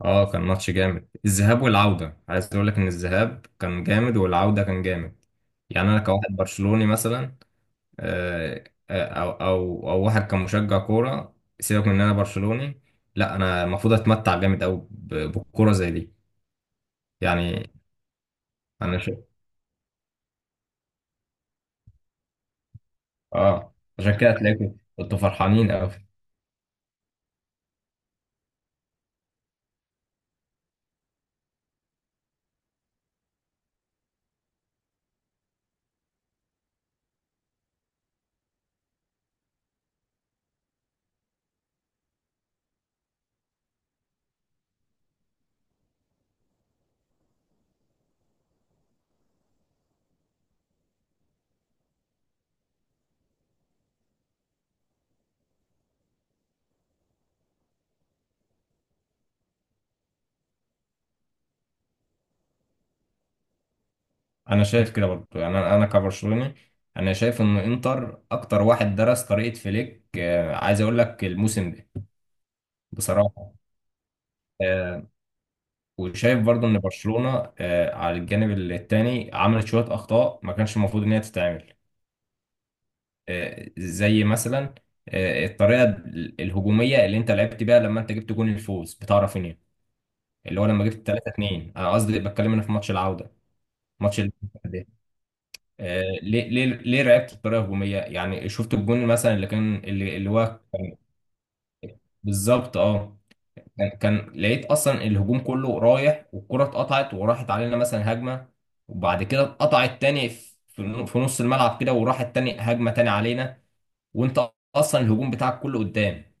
اه، كان ماتش جامد، الذهاب والعودة. عايز اقول لك ان الذهاب كان جامد والعودة كان جامد. يعني انا كواحد برشلوني مثلا، آه، او او واحد كمشجع كورة. سيبك من ان انا برشلوني، لا انا المفروض اتمتع جامد قوي بالكورة زي دي. يعني انا شايف. اه، عشان كده هتلاقيكم انتوا فرحانين قوي. انا شايف كده برضه، يعني انا كبرشلوني، انا شايف ان انتر اكتر واحد درس طريقة فليك. عايز اقول لك الموسم ده بصراحة. آه، وشايف برضو ان برشلونه على الجانب التاني عملت شويه اخطاء ما كانش المفروض ان هي تتعمل. زي مثلا الطريقه الهجوميه اللي انت لعبت بيها لما انت جبت جون الفوز بتاع رافينيا، اللي هو لما جبت 3-2. انا قصدي بتكلم انا في ماتش العوده، ماتش ده. ليه ليه لعبت بطريقه هجوميه؟ يعني شفت الجون مثلا اللي كان اللي هو كان بالظبط. اه، كان لقيت اصلا الهجوم كله رايح والكرة اتقطعت وراحت علينا مثلا هجمة، وبعد كده اتقطعت تاني في نص الملعب كده، وراحت تاني هجمة تاني علينا، وانت اصلا الهجوم بتاعك كله قدام.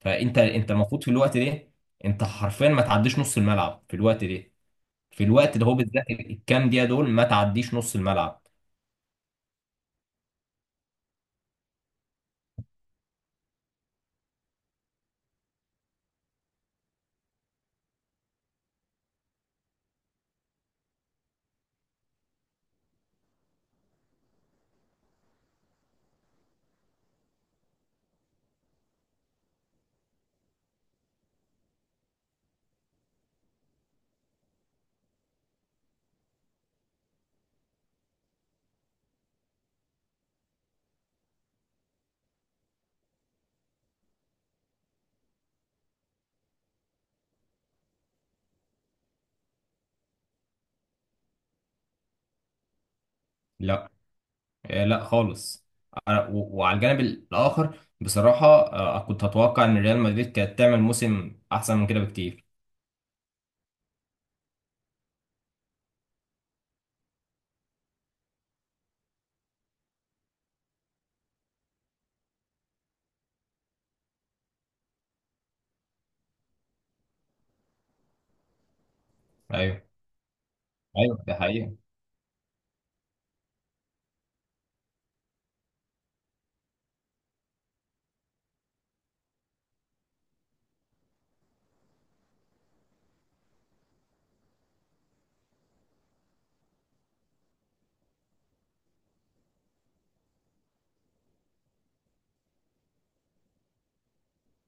فانت المفروض في الوقت ده، انت حرفيا ما تعديش نص الملعب في الوقت ده. في الوقت ده هو بالذات، الكام دقيقة دول ما تعديش نص الملعب. لا، لا خالص. وعلى الجانب الاخر بصراحة، كنت اتوقع ان ريال مدريد كانت تعمل موسم احسن من كده بكتير. ايوه. ايوه، ده حقيقة.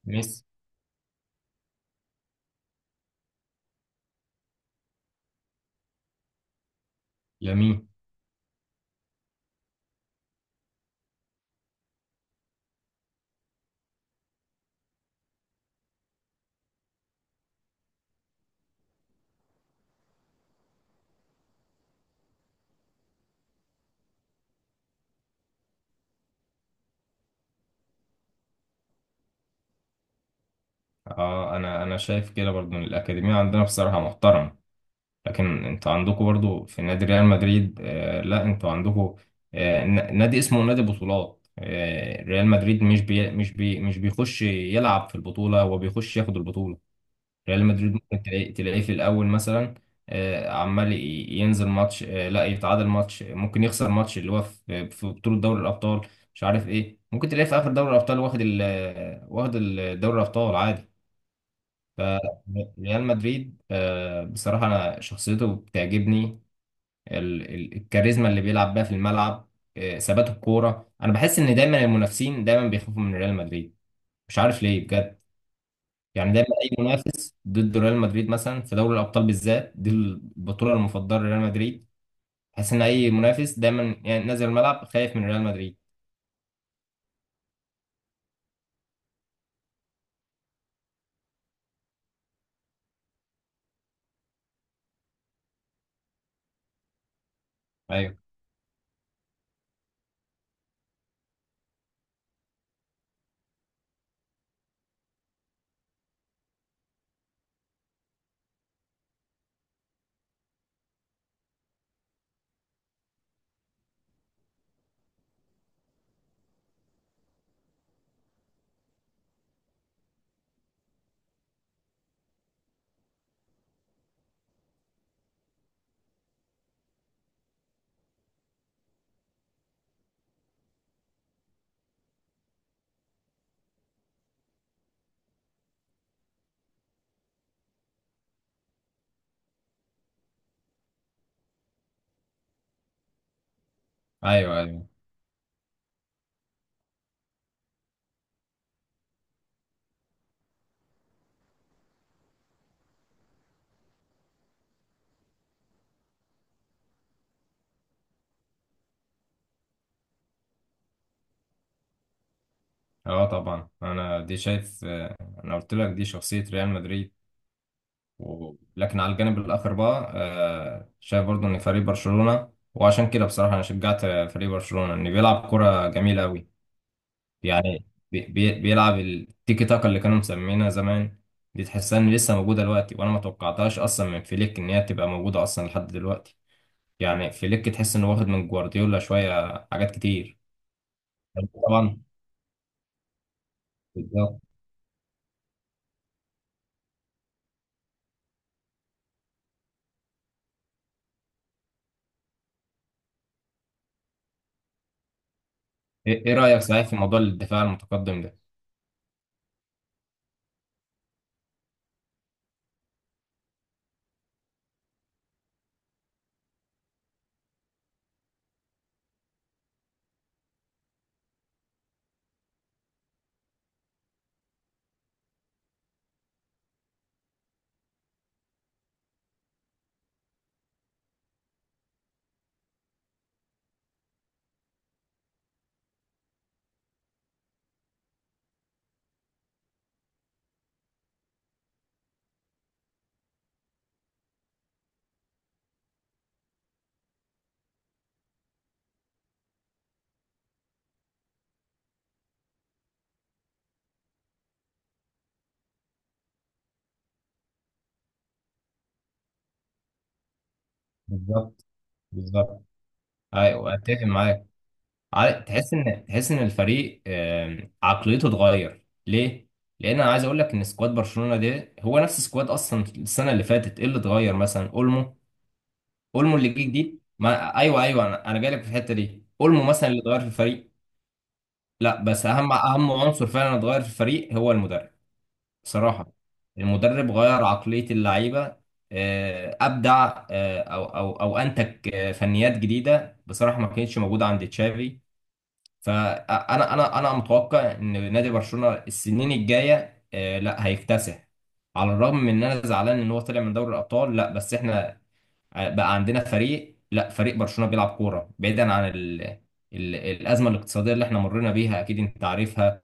ميسي. يمين. اه، انا شايف كده برضو إن الاكاديميه عندنا بصراحه محترم، لكن انتوا عندكم برضو في نادي ريال مدريد. آه لا، انتوا عندكم آه نادي اسمه نادي بطولات، آه ريال مدريد مش بيخش يلعب في البطوله، هو بيخش ياخد البطوله. ريال مدريد ممكن تلاقيه في الأول مثلا عمال ينزل ماتش، لا يتعادل ماتش، ممكن يخسر ماتش، اللي هو في في بطولة دوري الأبطال، مش عارف إيه. ممكن تلاقيه في آخر دوري الأبطال واخد ال واخد دوري الأبطال عادي. فريال مدريد بصراحة أنا شخصيته بتعجبني، الكاريزما اللي بيلعب بيها في الملعب، ثبات الكورة. أنا بحس إن دايما المنافسين دايما بيخافوا من ريال مدريد، مش عارف ليه بجد. يعني دايما اي منافس ضد ريال مدريد، مثلا في دوري الابطال بالذات، دي البطوله المفضله لريال مدريد، تحس ان اي منافس دايما يعني نازل الملعب خايف من ريال مدريد. ايوه، ايوه، ايوه. اه طبعا، انا دي شايف. انا قلت لك دي شخصيه ريال مدريد. لكن على الجانب الاخر بقى، شايف برضو ان فريق برشلونه، وعشان كده بصراحه انا شجعت فريق برشلونه ان بيلعب كره جميله قوي. يعني بيلعب التيكي تاكا اللي كانوا مسمينها زمان، دي تحسها ان لسه موجوده دلوقتي، وانا ما توقعتهاش اصلا من فليك ان هي تبقى موجوده اصلا لحد دلوقتي. يعني فليك تحس انه واخد من جوارديولا شويه حاجات كتير. طبعا. بالظبط. ايه، إيه رايك صحيح في موضوع الدفاع المتقدم ده؟ بالظبط. بالظبط. ايوه اتفق معاك. تحس ان الفريق عقليته اتغير ليه، لان انا عايز اقول لك ان سكواد برشلونه ده هو نفس سكواد اصلا السنه اللي فاتت. ايه اللي اتغير؟ مثلا اولمو. اولمو اللي جه جديد ما، ايوه ايوه، انا جاي لك في الحته دي. اولمو مثلا اللي اتغير في الفريق. لا بس اهم عنصر فعلا اتغير في الفريق هو المدرب. صراحه، المدرب غير عقليه اللعيبه، ابدع، او او انتج فنيات جديده بصراحه ما كانتش موجوده عند تشافي. فانا انا متوقع ان نادي برشلونه السنين الجايه لا هيكتسح. على الرغم من ان انا زعلان ان هو طلع من دوري الابطال، لا بس احنا بقى عندنا فريق، لا، فريق برشلونة بيلعب كورة بعيدا عن الأزمة الاقتصادية اللي احنا مرينا بيها، أكيد أنت عارفها.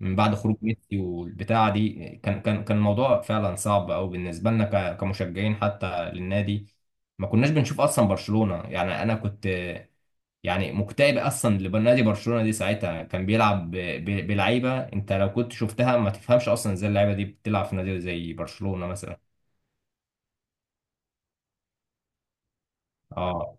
من بعد خروج ميسي والبتاعة دي، كان الموضوع فعلا صعب أوي بالنسبة لنا كمشجعين حتى للنادي. ما كناش بنشوف أصلا برشلونة، يعني أنا كنت يعني مكتئب أصلا لنادي برشلونة، دي ساعتها كان بيلعب بلعيبة أنت لو كنت شفتها ما تفهمش أصلا إزاي اللعيبة دي بتلعب في نادي زي برشلونة مثلا. اه.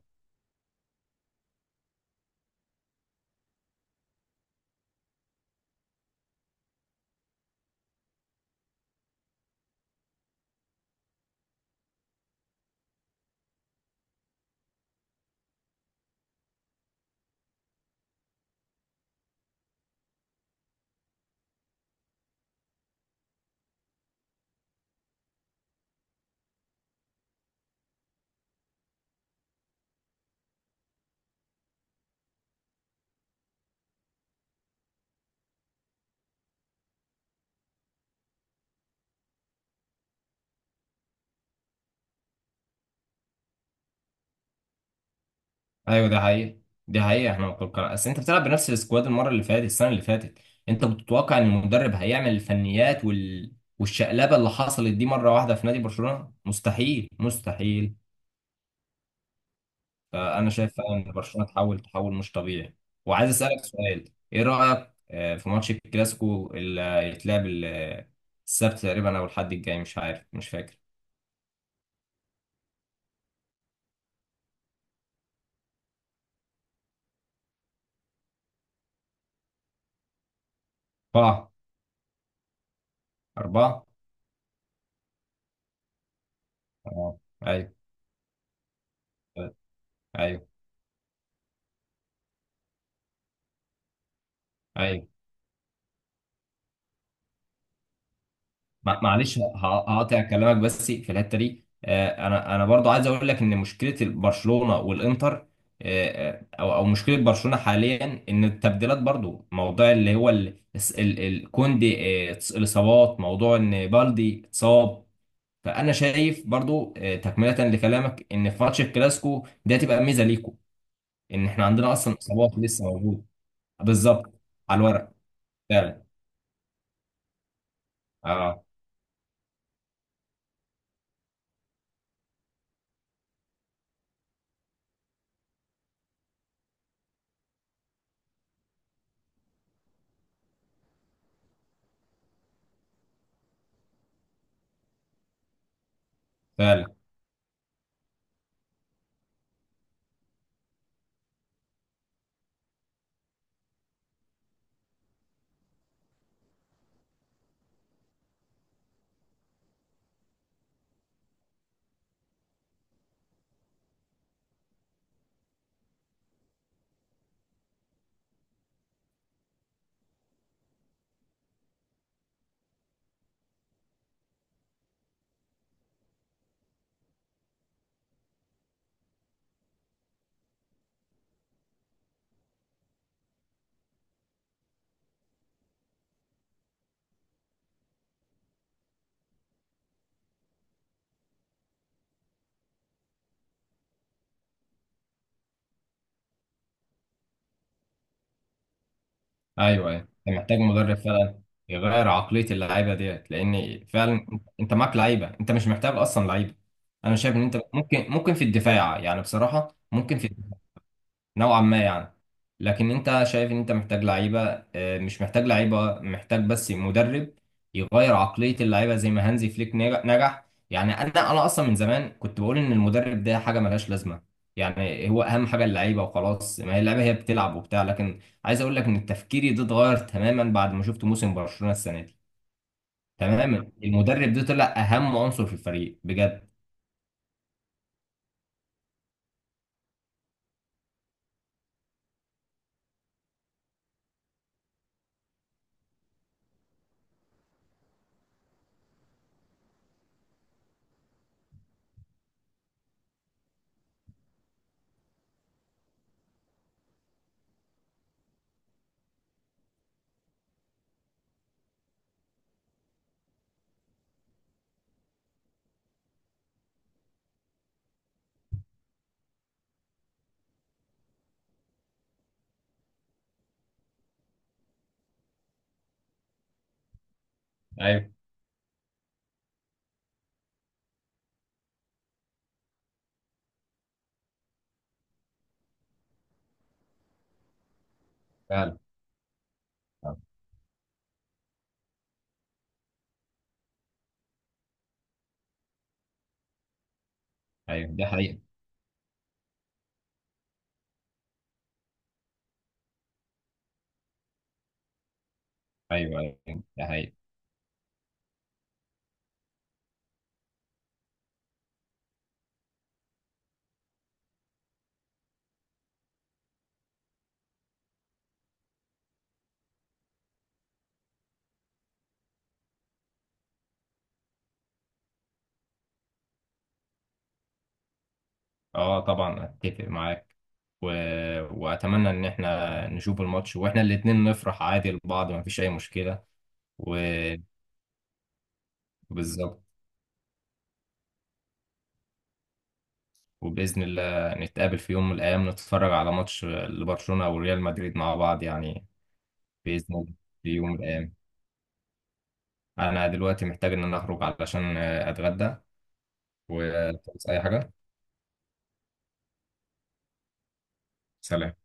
ايوه دي حقيقة. دي حقيقة، احنا متوقع اصل انت بتلعب بنفس السكواد المرة اللي فاتت، السنة اللي فاتت انت بتتوقع ان المدرب هيعمل الفنيات والشقلبة اللي حصلت دي مرة واحدة في نادي برشلونة مستحيل مستحيل. فانا شايف فعلا ان برشلونة تحول، تحول مش طبيعي. وعايز اسألك سؤال: ايه رأيك في ماتش الكلاسيكو اللي هيتلعب السبت تقريبا او الحد الجاي، مش عارف، مش فاكر؟ اربعة. اربعة. اه. ايوه. ايوه. ايوه. معلش هقاطع كلامك بس في الحته دي، انا برضو عايز اقول لك ان مشكله برشلونه والانتر، او او مشكله برشلونه حاليا ان التبديلات، برضو موضوع اللي هو كوندي، الاصابات، موضوع ان بالدي اتصاب. فانا شايف برضو تكمله لكلامك، ان في ماتش الكلاسيكو ده تبقى ميزه ليكو، ان احنا عندنا اصلا اصابات لسه موجوده. بالظبط. على الورق. فعلا. اه، فعلا. ايوه ايوه، انت محتاج مدرب فعلا يغير عقليه اللعيبه ديت، لان فعلا انت معاك لعيبه، انت مش محتاج اصلا لعيبه. انا شايف ان انت ممكن، ممكن في الدفاع يعني بصراحه، ممكن في نوعا ما يعني، لكن انت شايف ان انت محتاج لعيبه، مش محتاج لعيبه، محتاج بس مدرب يغير عقليه اللعيبه زي ما هانزي فليك نجح. يعني انا اصلا من زمان كنت بقول ان المدرب ده حاجه ملهاش لازمه، يعني هو اهم حاجه اللعيبه وخلاص، ما هي اللعيبه هي بتلعب وبتاع. لكن عايز اقول لك ان تفكيري ده اتغير تماما بعد ما شفت موسم برشلونه السنه دي. تماما، المدرب ده طلع اهم عنصر في الفريق بجد. ايوه فعلا. ايوه دي حقيقه. ايوه ايوه دي حقيقه. اه طبعا اتفق معاك. و... واتمنى ان احنا نشوف الماتش واحنا الاتنين نفرح عادي لبعض، مفيش اي مشكلة. وبالظبط. وباذن الله نتقابل في يوم من الايام، نتفرج على ماتش لبرشلونة او ريال مدريد مع بعض يعني. باذن الله، في يوم من الايام. انا دلوقتي محتاج ان انا اخرج علشان اتغدى. وتنسى اي حاجة. سلام.